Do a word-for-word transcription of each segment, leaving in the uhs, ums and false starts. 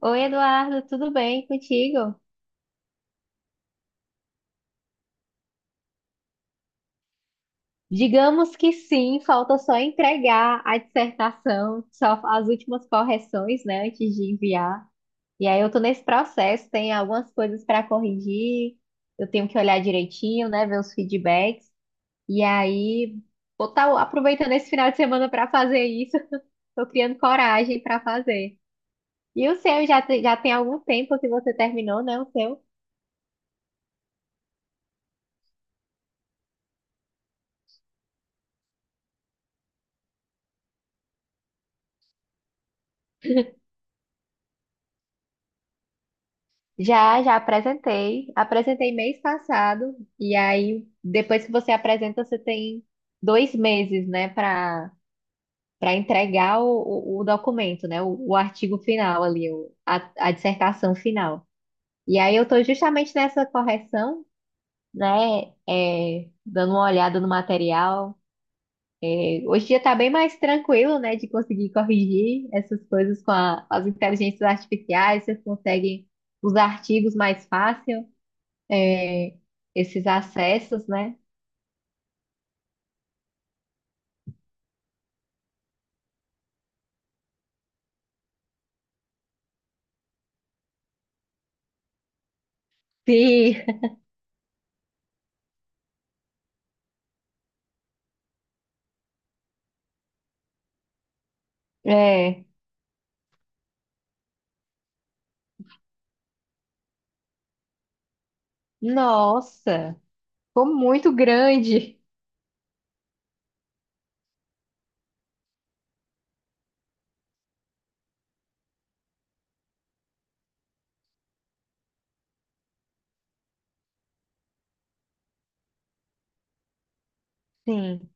Oi, Eduardo, tudo bem contigo? Digamos que sim, falta só entregar a dissertação, só as últimas correções, né, antes de enviar. E aí eu tô nesse processo, tem algumas coisas para corrigir, eu tenho que olhar direitinho, né, ver os feedbacks. E aí, vou estar aproveitando esse final de semana para fazer isso. Tô criando coragem para fazer. E o seu já, te- já tem algum tempo que você terminou, né, o seu? Já, já apresentei. Apresentei mês passado. E aí, depois que você apresenta, você tem dois meses, né, para para entregar o, o, o documento, né, o, o artigo final ali, o, a, a dissertação final. E aí, eu estou justamente nessa correção, né, é, dando uma olhada no material. É, hoje em dia está bem mais tranquilo, né, de conseguir corrigir essas coisas com a- as inteligências artificiais, você consegue os artigos mais fácil, é, esses acessos, né? Sim, é. Nossa, ficou muito grande. Sim,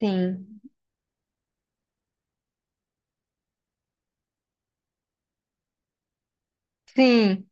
sim, sim.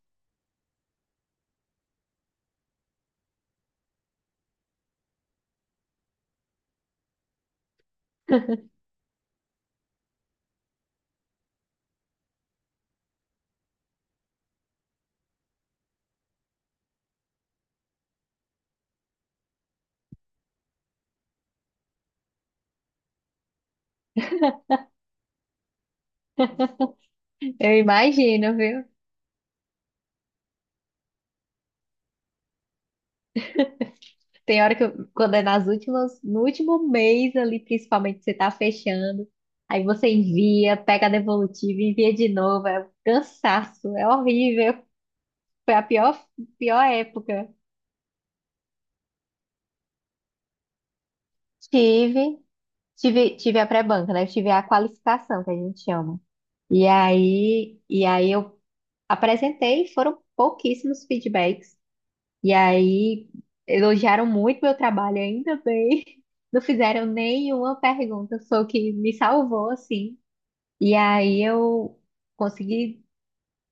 Eu imagino, viu? Tem hora que eu- quando é nas últimas, no último mês ali, principalmente, que você tá fechando, aí você envia, pega a devolutiva, envia de novo. É um cansaço, é horrível. Foi a pior, pior época. Tive, tive, tive a pré-banca, né? Eu tive a qualificação, que a gente chama. E aí, e aí eu apresentei, foram pouquíssimos feedbacks. E aí elogiaram muito meu trabalho, ainda bem. Não fizeram nenhuma pergunta, foi o que me salvou, assim. E aí eu consegui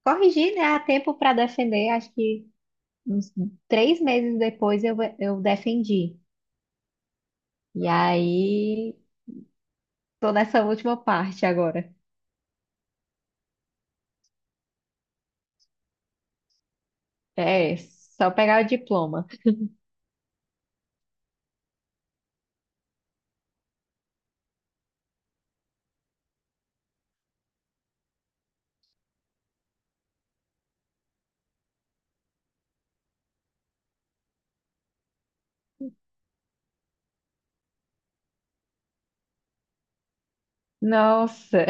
corrigir, né, a tempo para defender. Acho que uns três meses depois eu, eu defendi. E aí tô nessa última parte agora. É, só pegar o diploma. Nossa,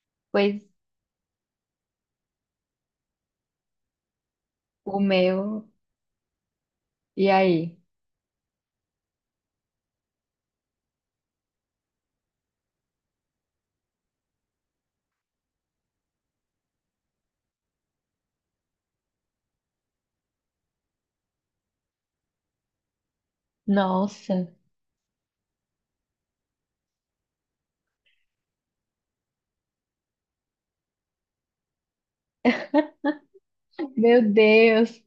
pois o meu. E aí? Nossa, meu Deus.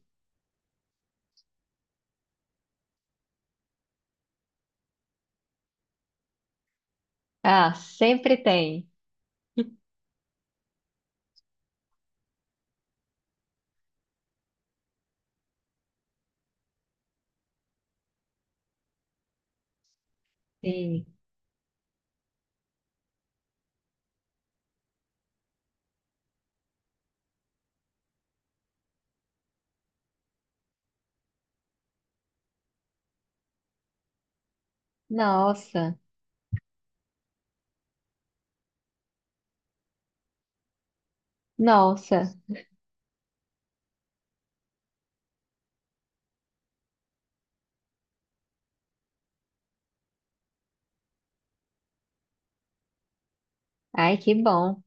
Ah, sempre tem. Sim. Nossa, nossa. Ai, que bom.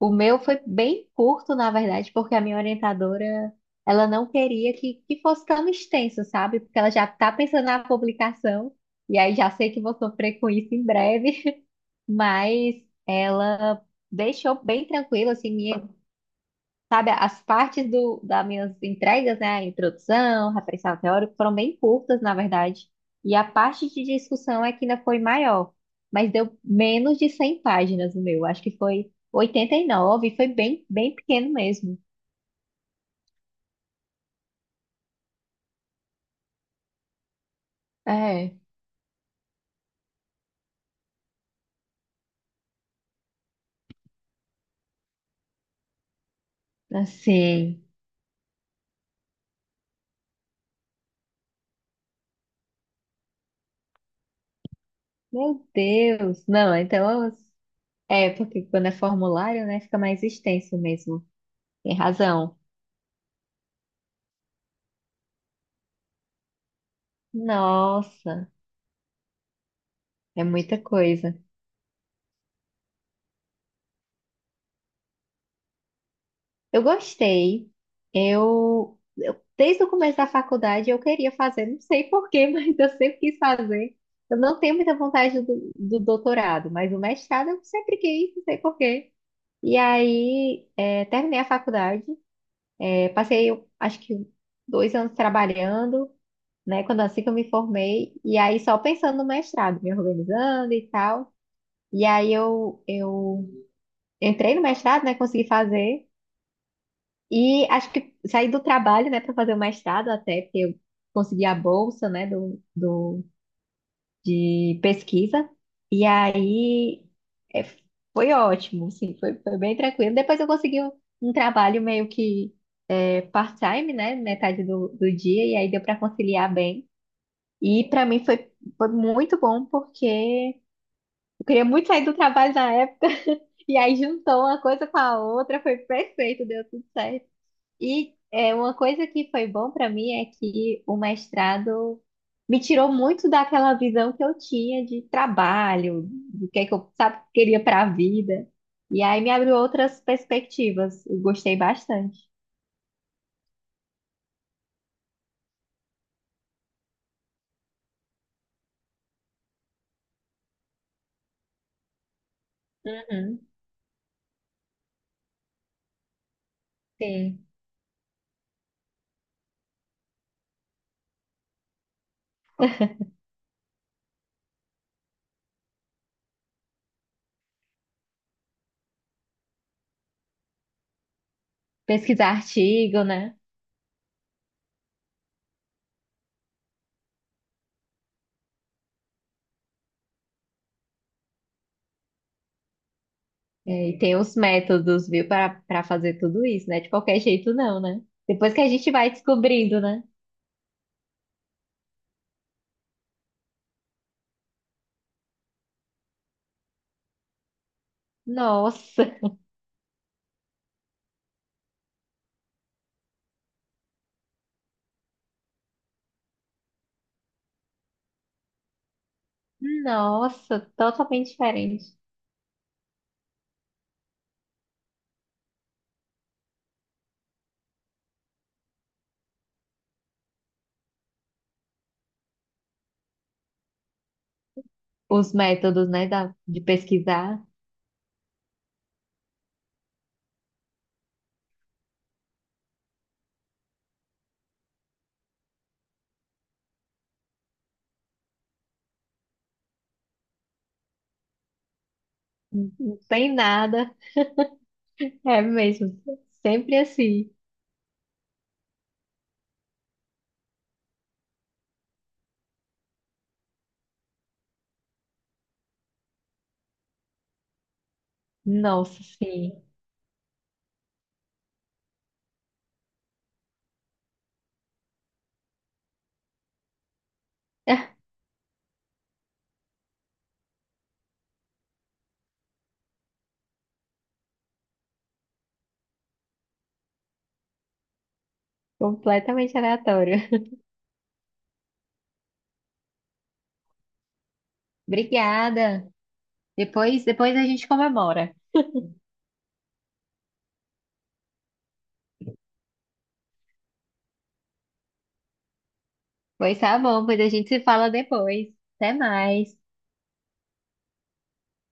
O meu foi bem curto, na verdade, porque a minha orientadora, ela não queria que, que fosse tão extenso, sabe? Porque ela já tá pensando na publicação, e aí já sei que vou sofrer com isso em breve, mas ela deixou bem tranquilo, assim, minha. Sabe, as partes do, das minhas entregas, né, a introdução, referencial teórico, foram bem curtas, na verdade. E a parte de discussão é que ainda foi maior, mas deu menos de cem páginas o meu. Acho que foi oitenta e nove, e nove, e foi bem, bem pequeno mesmo. É, assim, meu Deus. Não, então, é, porque quando é formulário, né, fica mais extenso mesmo. Tem razão. Nossa, é muita coisa. Eu gostei. Eu, eu- desde o começo da faculdade eu queria fazer, não sei porquê, mas eu sempre quis fazer. Eu não tenho muita vontade do, do doutorado, mas o mestrado eu sempre quis, não sei porquê. E aí é, terminei a faculdade, é, passei eu acho que dois anos trabalhando, né? Quando assim que eu me formei, e aí só pensando no mestrado, me organizando e tal. E aí eu, eu entrei no mestrado, né? Consegui fazer. E acho que saí do trabalho, né, para fazer o mestrado até, porque eu consegui a bolsa, né, do, do, de pesquisa. E aí é, foi ótimo, assim, foi, foi bem tranquilo. Depois eu consegui um, um trabalho meio que é, part-time, né, metade do, do dia, e aí deu para conciliar bem. E para mim foi, foi muito bom, porque eu queria muito sair do trabalho na época, e aí juntou uma coisa com a outra, foi perfeito, deu tudo certo. E é, uma coisa que foi bom para mim é que o mestrado me tirou muito daquela visão que eu tinha de trabalho, do que é que eu, sabe, queria para a vida. E aí me abriu outras perspectivas. Eu gostei bastante. Uhum, sim. Pesquisar artigo, né? É, e tem os métodos, viu, para para fazer tudo isso, né? De qualquer jeito, não, né? Depois que a gente vai descobrindo, né? Nossa, nossa, totalmente diferente. Os métodos, né, da, de pesquisar, não não tem nada. É mesmo, sempre assim. Nossa, sim, completamente aleatório. Obrigada. Depois, depois a gente comemora. Pois tá bom, pois a gente se fala depois. Até mais.